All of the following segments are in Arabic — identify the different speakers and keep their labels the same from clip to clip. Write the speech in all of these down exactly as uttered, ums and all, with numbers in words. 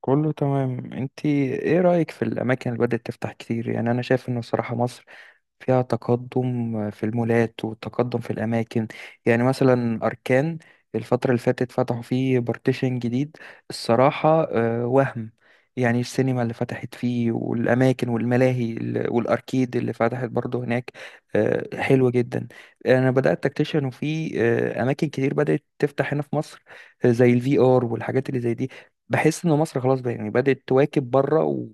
Speaker 1: كله تمام، انتي؟ ايه رأيك في الأماكن اللي بدأت تفتح كتير؟ يعني أنا شايف إنه الصراحة مصر فيها تقدم في المولات وتقدم في الأماكن. يعني مثلا أركان، الفترة اللي فاتت فتحوا فيه بارتيشن جديد. الصراحة آه، وهم، يعني السينما اللي فتحت فيه والأماكن والملاهي ال- والأركيد اللي فتحت برضه هناك آه، حلوة جدا. أنا بدأت أكتشف إنه في آه، أماكن كتير بدأت تفتح هنا في مصر، آه، زي الفي آر والحاجات اللي زي دي. بحس إن مصر خلاص بقى يعني بدأت تواكب بره،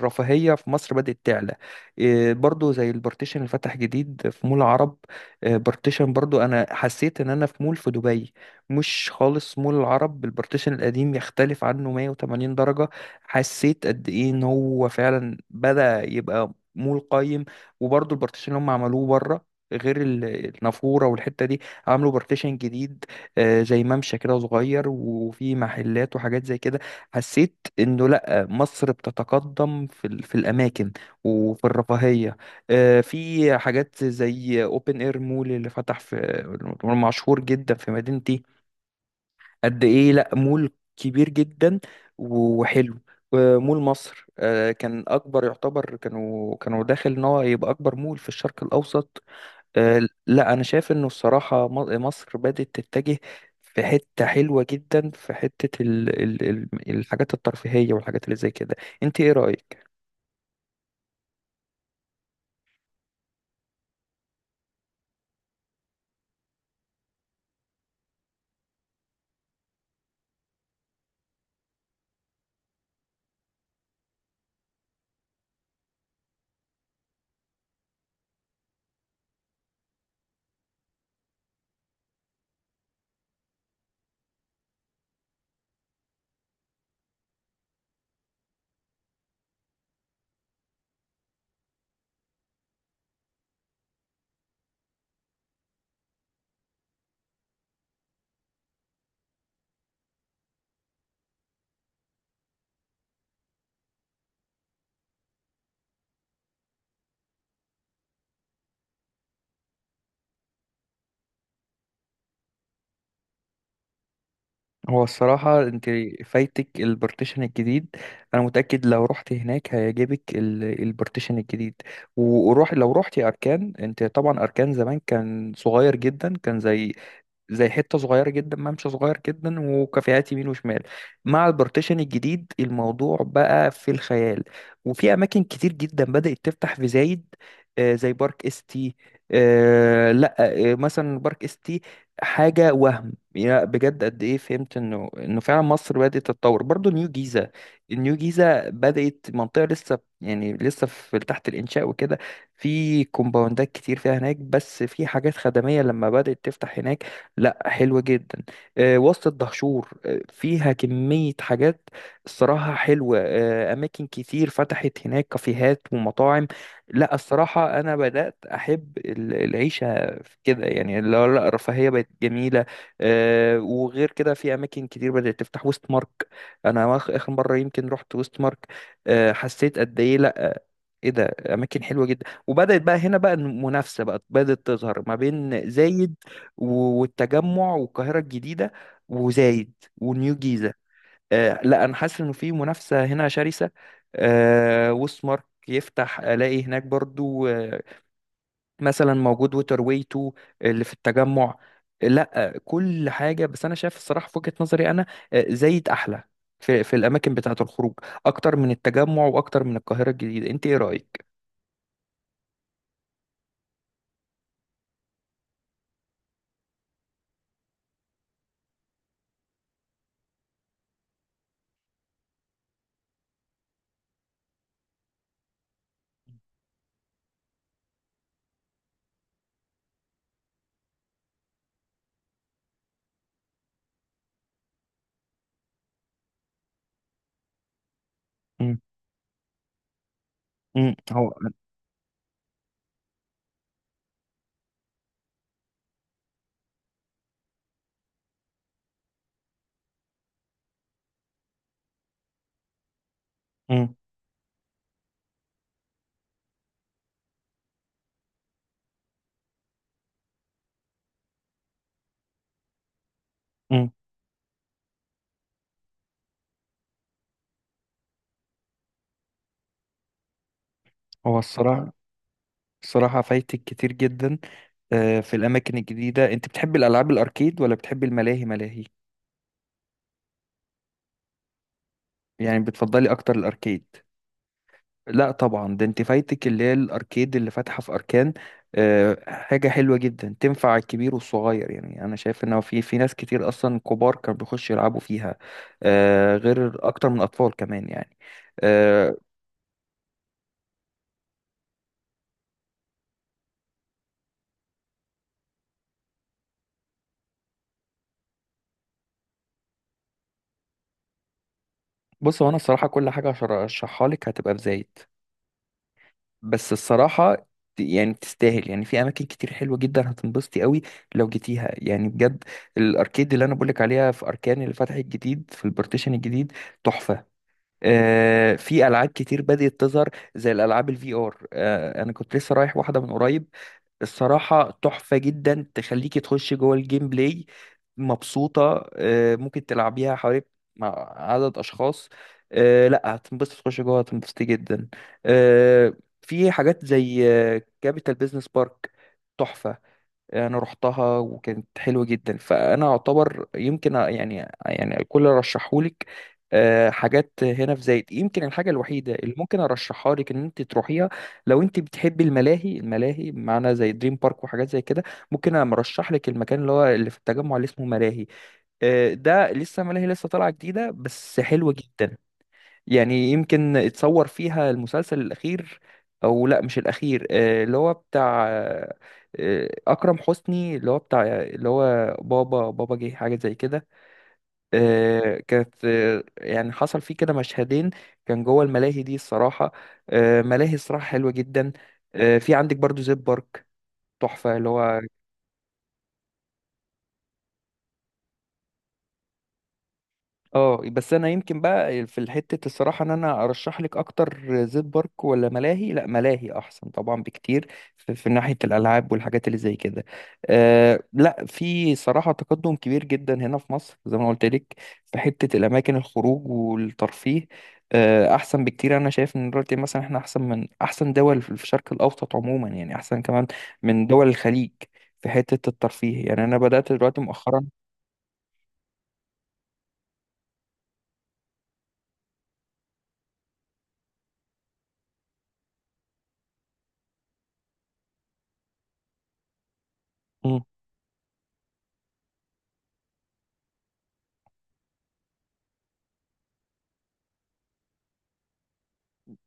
Speaker 1: الرفاهية في مصر بدأت تعلى. إيه برضو زي البارتيشن اللي فتح جديد في مول العرب، إيه بارتيشن برضو أنا حسيت إن أنا في مول في دبي. مش خالص مول العرب البارتيشن القديم يختلف عنه مية وتمانين درجة. حسيت قد إيه إن هو فعلا بدأ يبقى مول قايم. وبرضو البارتيشن اللي هم عملوه بره غير ال- النافورة والحتة دي، عملوا بارتيشن جديد، آه، زي ممشى كده صغير وفي محلات وحاجات زي كده. حسيت انه مصر بتتقدم في ال- في الأماكن وفي الرفاهية. آه، في حاجات زي أوبن إير مول اللي فتح في، مشهور جدا في مدينتي. قد إيه، لأ مول كبير جدا وحلو. آه، مول مصر آه، كان أكبر يعتبر، كانوا كانوا داخل إن هو يبقى أكبر مول في الشرق الأوسط. آه، لأ أنا شايف إنه الصراحة م- مصر بدأت تتجه في حتة حلوة جدا، في حتة ال ال ال- الحاجات الترفيهية والحاجات اللي زي كده. انت ايه رأيك؟ هو الصراحة انت فايتك البارتيشن الجديد. انا متأكد لو رحت هناك هيعجبك ال- البارتيشن الجديد. و- وروح، لو رحتي اركان. انت طبعا اركان زمان كان صغير جدا، كان زي زي حتة صغيرة جدا، ممشى صغير جدا وكافيهات يمين وشمال. مع البارتيشن الجديد الموضوع بقى في الخيال. وفي أماكن كتير جدا بدأت تفتح في زايد، آه، زي بارك اس تي. آه، لا آه، مثلا بارك اس تي، حاجة وهم يا بجد. قد ايه فهمت انه انه فعلا مصر بدأت تتطور. برضو نيو جيزة، النيو جيزة بدأت منطقة لسه، يعني لسه في تحت الإنشاء وكده. في كومباوندات كتير فيها هناك، بس في حاجات خدمية لما بدأت تفتح هناك لا حلوة جدا. آه، وسط الدهشور آه، فيها كمية حاجات الصراحة حلوة. آه، أماكن كتير فتحت هناك، كافيهات ومطاعم. لا الصراحة أنا بدأت أحب ال- العيشة في كده، يعني اللي هو لا الرفاهية بقت جميلة. آه، وغير كده في أماكن كتير بدأت تفتح، ويست مارك. أنا آخ- آخر مرة يمكن رحت ويست مارك آه، حسيت قد إيه، لا ايه ده، اماكن حلوه جدا. وبدات بقى هنا بقى المنافسه بقى بدات تظهر ما بين زايد و- والتجمع والقاهرة الجديدة، وزايد ونيو جيزة. آه لا أنا حاسس إنه في منافسة هنا شرسة. آه وسمارك يفتح ألاقي هناك برضو آه، مثلا موجود ووتر واي اتنين اللي في التجمع. لا آه، لا، كل حاجة. بس أنا شايف الصراحة في وجهة نظري أنا آه زايد أحلى في, في الأماكن بتاعة الخروج، أكتر من التجمع وأكتر من القاهرة الجديدة. أنت إيه رأيك؟ مم. مم. هو مم. مم. هو الصراحة الصراحة فايتك كتير جدا آه، في الأماكن الجديدة. أنت بتحبي الألعاب الأركيد ولا بتحبي الملاهي ملاهي؟ يعني بتفضلي أكتر الأركيد؟ لا طبعا، ده أنت فايتك اللي هي الأركيد اللي فاتحة في أركان. آه، حاجة حلوة جدا، تنفع الكبير والصغير. يعني أنا شايف إن هو في في ناس كتير أصلا كبار كانوا بيخشوا يلعبوا فيها آه، غير أكتر من أطفال كمان يعني. آه، بص، هو أنا الصراحة كل حاجة هشرحها لك هتبقى بزايد، بس الصراحة ت- يعني تستاهل. يعني في أماكن كتير حلوة جدا هتنبسطي قوي لو جيتيها يعني بجد. الأركيد اللي أنا بقولك عليها في أركان اللي فتحت جديد في البارتيشن الجديد، تحفة. آه، في ألعاب كتير بدأت تظهر زي الألعاب الفي آر. آه أنا كنت لسه رايح واحدة من قريب، الصراحة تحفة جدا. تخليكي تخشي جوه الجيم بلاي مبسوطة. آه، ممكن تلعبيها حوالي مع عدد أشخاص. آه، لا هتنبسط تخشي جوه، هتنبسطي جدا. آه، في حاجات زي كابيتال بيزنس بارك، تحفة. انا رحتها وكانت حلوه جدا، فانا اعتبر يمكن أ- يعني، يعني الكل رشحهولك. آه، حاجات هنا في زايد، يمكن الحاجه الوحيده اللي ممكن ارشحها لك ان انت تروحيها لو انت بتحبي الملاهي الملاهي معنا زي دريم بارك وحاجات زي كده. ممكن انا ارشح لك المكان اللي هو اللي في التجمع اللي اسمه ملاهي. آه، ده لسه ملاهي لسه طالعه جديده بس حلوه جدا. يعني يمكن اتصور فيها المسلسل الأخير، أو لا مش الأخير، آه، اللي هو بتاع آه، آه، أكرم حسني اللي هو بتاع اللي هو بابا بابا جه، حاجة زي كده. آه، كانت آه، يعني حصل فيه كده مشهدين كان جوه الملاهي دي الصراحة. آه، ملاهي الصراحة حلوة جدا. آه، في عندك برضو زيب بارك، تحفة اللي هو. اه بس انا يمكن بقى في حته الصراحه ان انا ارشح لك اكتر زيت بارك ولا ملاهي، لا ملاهي احسن طبعا بكتير في, في ناحيه الالعاب والحاجات اللي زي كده. أه لا، في صراحه تقدم كبير جدا هنا في مصر زي ما قلت لك في حته الاماكن الخروج والترفيه. أه احسن بكتير. انا شايف ان دلوقتي مثلا احنا احسن من احسن دول في الشرق الاوسط عموما، يعني احسن كمان من دول الخليج في حته الترفيه. يعني انا بدات دلوقتي مؤخرا. مم.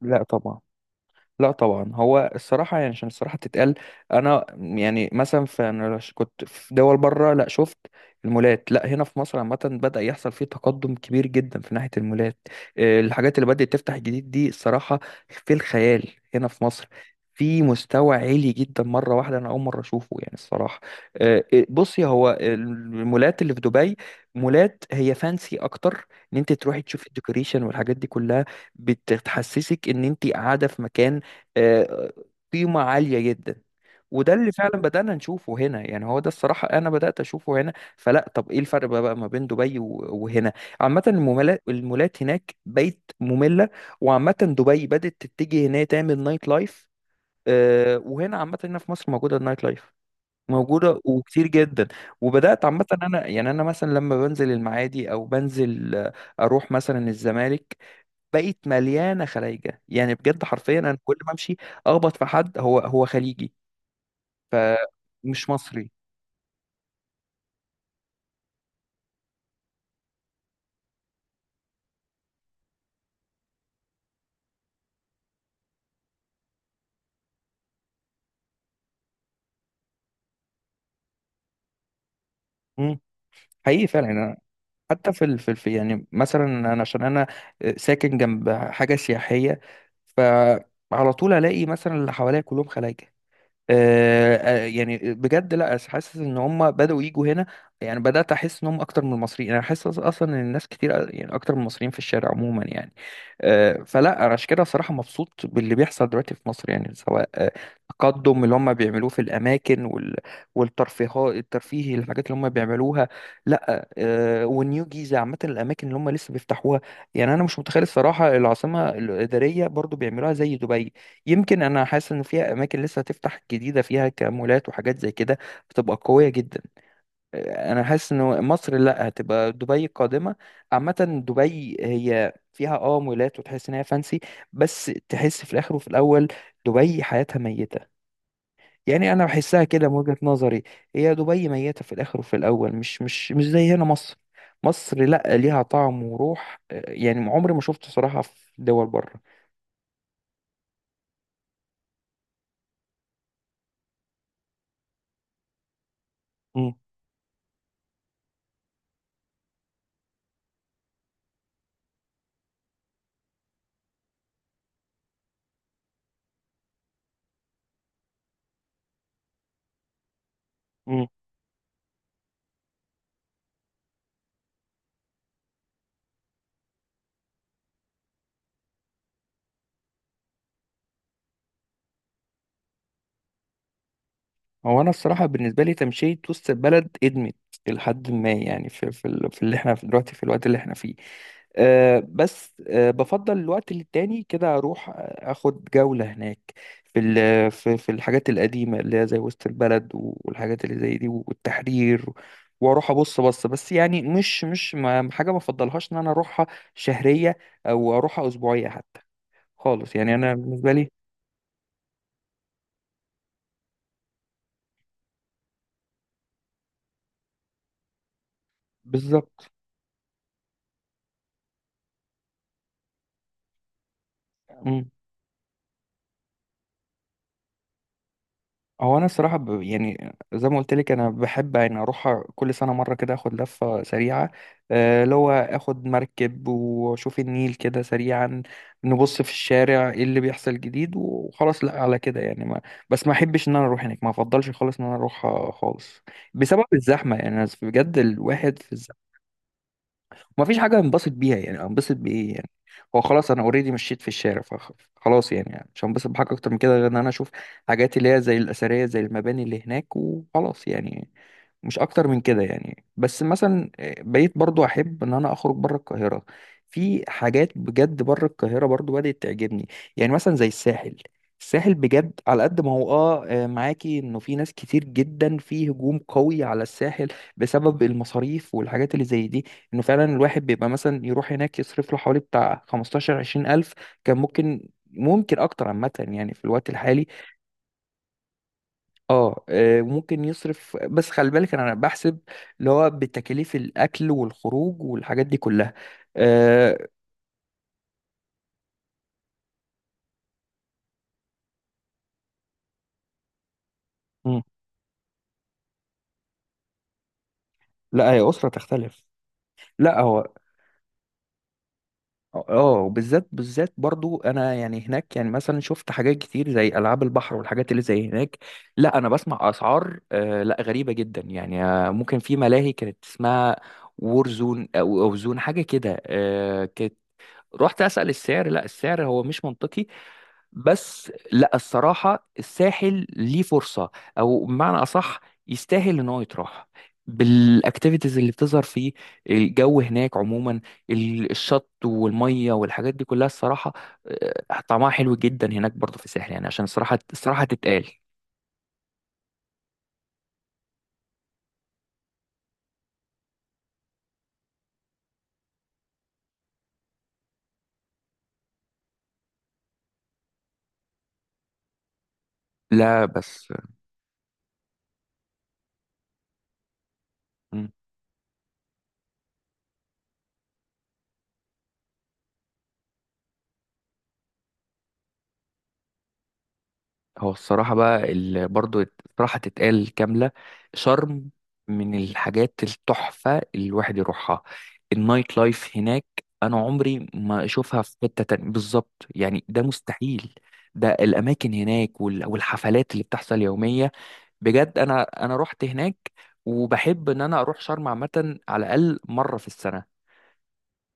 Speaker 1: لا طبعا. لا طبعا، هو الصراحة يعني عشان الصراحة تتقال. أنا يعني مثلا في، أنا ش- كنت في دول بره لا شفت المولات، لا هنا في مصر عامة بدأ يحصل فيه تقدم كبير جدا في ناحية المولات. آه، الحاجات اللي بدأت تفتح جديد دي الصراحة في الخيال هنا في مصر، في مستوى عالي جدا مرة واحدة. أنا أول مرة أشوفه يعني الصراحة. آه، آه، بصي، هو المولات اللي في دبي مولات هي فانسي أكتر، إن أنت تروحي تشوفي الديكوريشن والحاجات دي كلها. بتحسسك إن أنت قاعدة في مكان آه، قيمة عالية جدا. وده اللي فعلا بدأنا نشوفه هنا، يعني هو ده الصراحة أنا بدأت أشوفه هنا. فلا طب إيه الفرق بقى بقى ما بين دبي و- وهنا. عامة المولات المولات هناك بقت مملة، وعامة دبي بدأت تتجه إن هي تعمل نايت لايف. آه، وهنا عامة هنا في مصر موجودة النايت لايف، موجودة وكتير جدا. وبدأت عامة، أنا يعني أنا مثلا لما بنزل المعادي أو بنزل آه، أروح مثلا الزمالك، بقت مليانه خلايجه. يعني بجد حرفيا انا كل ما امشي اخبط في حد هو هو خليجي، فمش مصري. مم. حقيقي فعلا. أنا حتى في ال- في الف، يعني مثلا انا عشان انا ساكن جنب حاجه سياحيه، فعلى طول الاقي مثلا اللي حواليا كلهم خلايجه. آه، آه، يعني بجد لا أس- حاسس ان هم بداوا يجوا هنا. يعني بدات احس ان هم اكتر من المصريين. انا حاسس أص- اصلا ان الناس كتير أ- يعني اكتر من المصريين في الشارع عموما يعني. آه، فلا انا عشان كده صراحه مبسوط باللي بيحصل دلوقتي في مصر، يعني سواء آه، التقدم اللي هم بيعملوه في الاماكن وال... والترفيه، الترفيه الحاجات اللي هم بيعملوها. لا آه، والنيو جيزه عامه، الاماكن اللي هم لسه بيفتحوها. يعني انا مش متخيل الصراحه. العاصمه الاداريه برضو بيعملوها زي دبي. يمكن انا حاسس ان فيها اماكن لسه هتفتح جديده فيها كمولات وحاجات زي كده، بتبقى قويه جدا. انا حاسس ان مصر لا هتبقى دبي القادمه عامه. دبي هي فيها اه مولات وتحس ان هي فانسي، بس تحس في الاخر وفي الاول دبي حياتها ميته. يعني انا بحسها كده من وجهه نظري، هي دبي ميته في الاخر وفي الاول، مش مش مش زي هنا مصر. مصر لا ليها طعم وروح. آه، يعني عمري ما شفت صراحه في دول بره. هو انا الصراحه بالنسبه لي تمشيه وسط البلد ادمت، لحد ما يعني في في, ال- في اللي احنا في دلوقتي في الوقت اللي احنا فيه. أه بس أه بفضل الوقت للتاني كده اروح آه، اخد جوله هناك في ال- في في الحاجات القديمه اللي هي زي وسط البلد والحاجات اللي زي دي والتحرير، واروح ابص بص بس. يعني مش مش ما حاجه ما افضلهاش ان انا اروحها شهريه، او اروحها اسبوعيه حتى خالص، يعني انا بالنسبه لي. بالظبط. هو انا الصراحه ب... يعني زي ما قلت لك انا بحب، يعني اروح كل سنه مره كده اخد لفه سريعه آه، اللي هو اخد مركب واشوف النيل كده سريعا، نبص في الشارع ايه اللي بيحصل جديد وخلاص. لا على كده يعني ما... بس ما احبش ان انا اروح هناك. ما افضلش خالص ان انا اروح آه، خالص بسبب الزحمه، يعني بجد الواحد في. ومفيش حاجة انبسط بيها، يعني انبسط بإيه؟ يعني هو خلاص أنا أوريدي مشيت في الشارع، فخلاص يعني مش هنبسط بحاجة أكتر من كده غير إن أنا أشوف حاجات اللي هي زي الأثرية، زي المباني اللي هناك وخلاص. يعني مش اكتر من كده يعني. بس مثلا آه، بقيت برضو احب ان انا اخرج بره القاهره. في حاجات بجد بره القاهره برضو بدات تعجبني، يعني مثلا زي الساحل. الساحل بجد على قد ما هو اه آه، معاكي انه في ناس كتير جدا في هجوم قوي على الساحل بسبب المصاريف والحاجات اللي زي دي، انه فعلا الواحد بيبقى مثلا يروح هناك يصرف له حوالي بتاع خمسة عشر 20 الف، كان ممكن ممكن اكتر عامه يعني في الوقت الحالي. اه آه، ممكن يصرف، بس خلي بالك انا بحسب اللي هو بتكاليف الاكل والخروج والحاجات دي كلها. آه، مم. لا هي أسرة تختلف. لا هو، اه وبالذات بالذات برضو انا يعني هناك يعني مثلا شفت حاجات كتير زي العاب البحر والحاجات اللي زي هناك. لا انا بسمع اسعار آه لا غريبة جدا يعني. آه، ممكن في ملاهي كانت اسمها وورزون او أو زون، حاجة كده آه كانت. رحت اسأل السعر لا السعر هو مش منطقي. بس لا الصراحة الساحل ليه فرصة، أو بمعنى أصح يستاهل إن هو يتراح بالاكتيفيتيز اللي بتظهر فيه. الجو هناك عموما، ال- الشط والميه والحاجات دي كلها الصراحه آه، طعمها حلو جدا هناك برضه في الساحل، يعني عشان الصراحه الصراحه تتقال. لا بس هو الصراحة بقى ال... برضو الصراحة تتقال كاملة. شرم من الحاجات التحفة اللي الواحد يروحها. النايت لايف هناك، أنا عمري ما أشوفها في حتة تانية بالظبط يعني، ده مستحيل. ده الأماكن هناك وال... والحفلات اللي بتحصل يومية، بجد. أنا أنا رحت هناك، وبحب إن أنا أروح شرم عامة على الأقل مرة في السنة.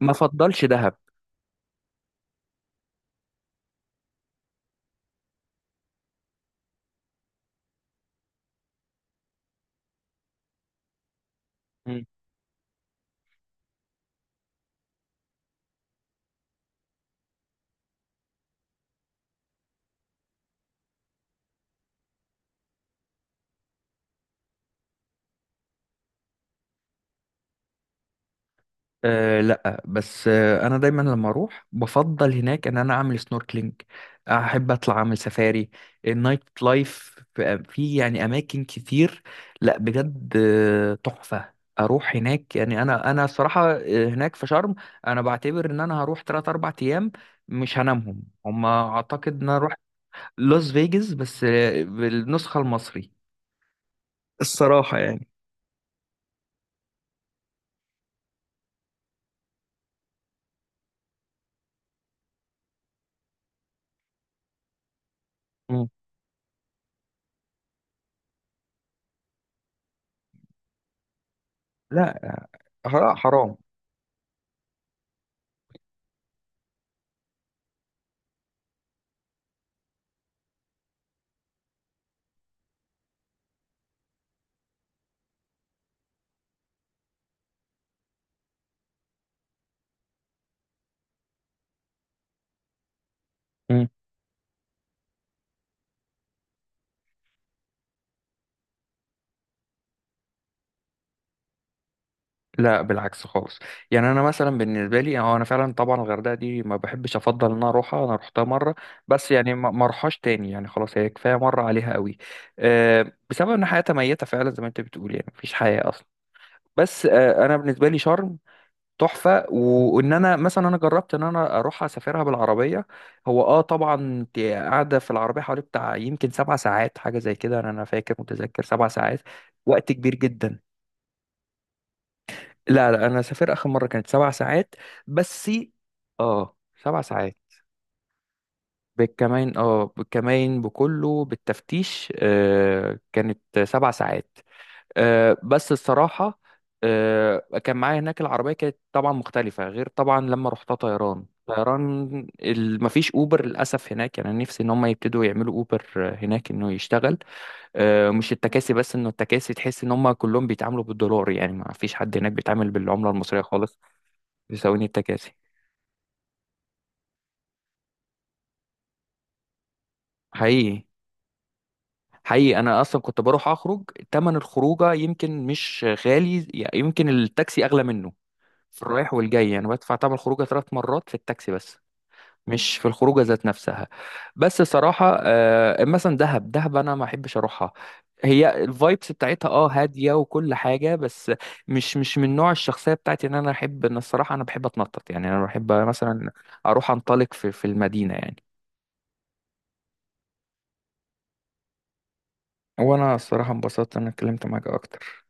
Speaker 1: ما أفضلش دهب. أه لا بس أه انا دايما لما اروح بفضل هناك ان انا اعمل سنوركلينج، احب اطلع اعمل سفاري. النايت لايف في في يعني اماكن كتير، لا بجد آه، تحفة. اروح هناك يعني، انا انا الصراحة آه، هناك في شرم انا بعتبر ان انا هروح ثلاثة 4 ايام مش هنامهم هما، اعتقد ان انا اروح لاس فيجاس بس آه، بالنسخة المصري الصراحة يعني. مم. لا حرام حرام. لا بالعكس خالص. يعني انا مثلا بالنسبه لي، هو انا فعلا طبعا الغردقه دي ما بحبش افضل ان انا اروحها، انا روحتها مره بس، يعني ما ما اروحهاش تاني يعني خلاص هي كفايه مره عليها قوي. أه بسبب ان حياتها ميته فعلا زي ما انت بتقول، يعني مفيش حياه اصلا. بس أه انا بالنسبه لي شرم تحفه، و- وان انا مثلا انا جربت ان انا اروح اسافرها بالعربيه. هو اه طبعا انت قاعده في العربيه حوالي بتاع يمكن سبع ساعات حاجه زي كده. انا أنا فاكر متذكر سبع ساعات، وقت كبير جدا. لا لا انا سافر اخر مره كانت سبع ساعات بس. اه سبع ساعات بالكمين، اه بالكمين بكله بالتفتيش آه، كانت سبع ساعات. آه بس الصراحه آه كان معايا هناك العربيه، كانت طبعا مختلفه غير طبعا لما رحتها طيران طيران ال- مفيش اوبر للاسف هناك، يعني أنا نفسي ان هم يبتدوا يعملوا اوبر هناك انه يشتغل. آه، مش التكاسي بس، انه التكاسي تحس ان هم كلهم بيتعاملوا بالدولار، يعني ما فيش حد هناك بيتعامل بالعملة المصرية خالص. بيساويني التكاسي. حقيقي، حقيقي. انا اصلا كنت بروح اخرج، تمن الخروجه يمكن مش غالي يعني، يمكن التاكسي اغلى منه. في الرايح والجاي انا بدفع تمن الخروجه ثلاث مرات في التاكسي بس، مش في الخروجه ذات نفسها. بس صراحه آه، مثلا دهب دهب انا ما احبش اروحها، هي الفايبس بتاعتها اه هاديه وكل حاجه بس، مش مش من نوع الشخصيه بتاعتي ان انا احب. ان الصراحه انا بحب اتنطط يعني، انا بحب مثلا اروح انطلق في في المدينه يعني. وانا الصراحه انبسطت ان انا اتكلمت معاك اكتر.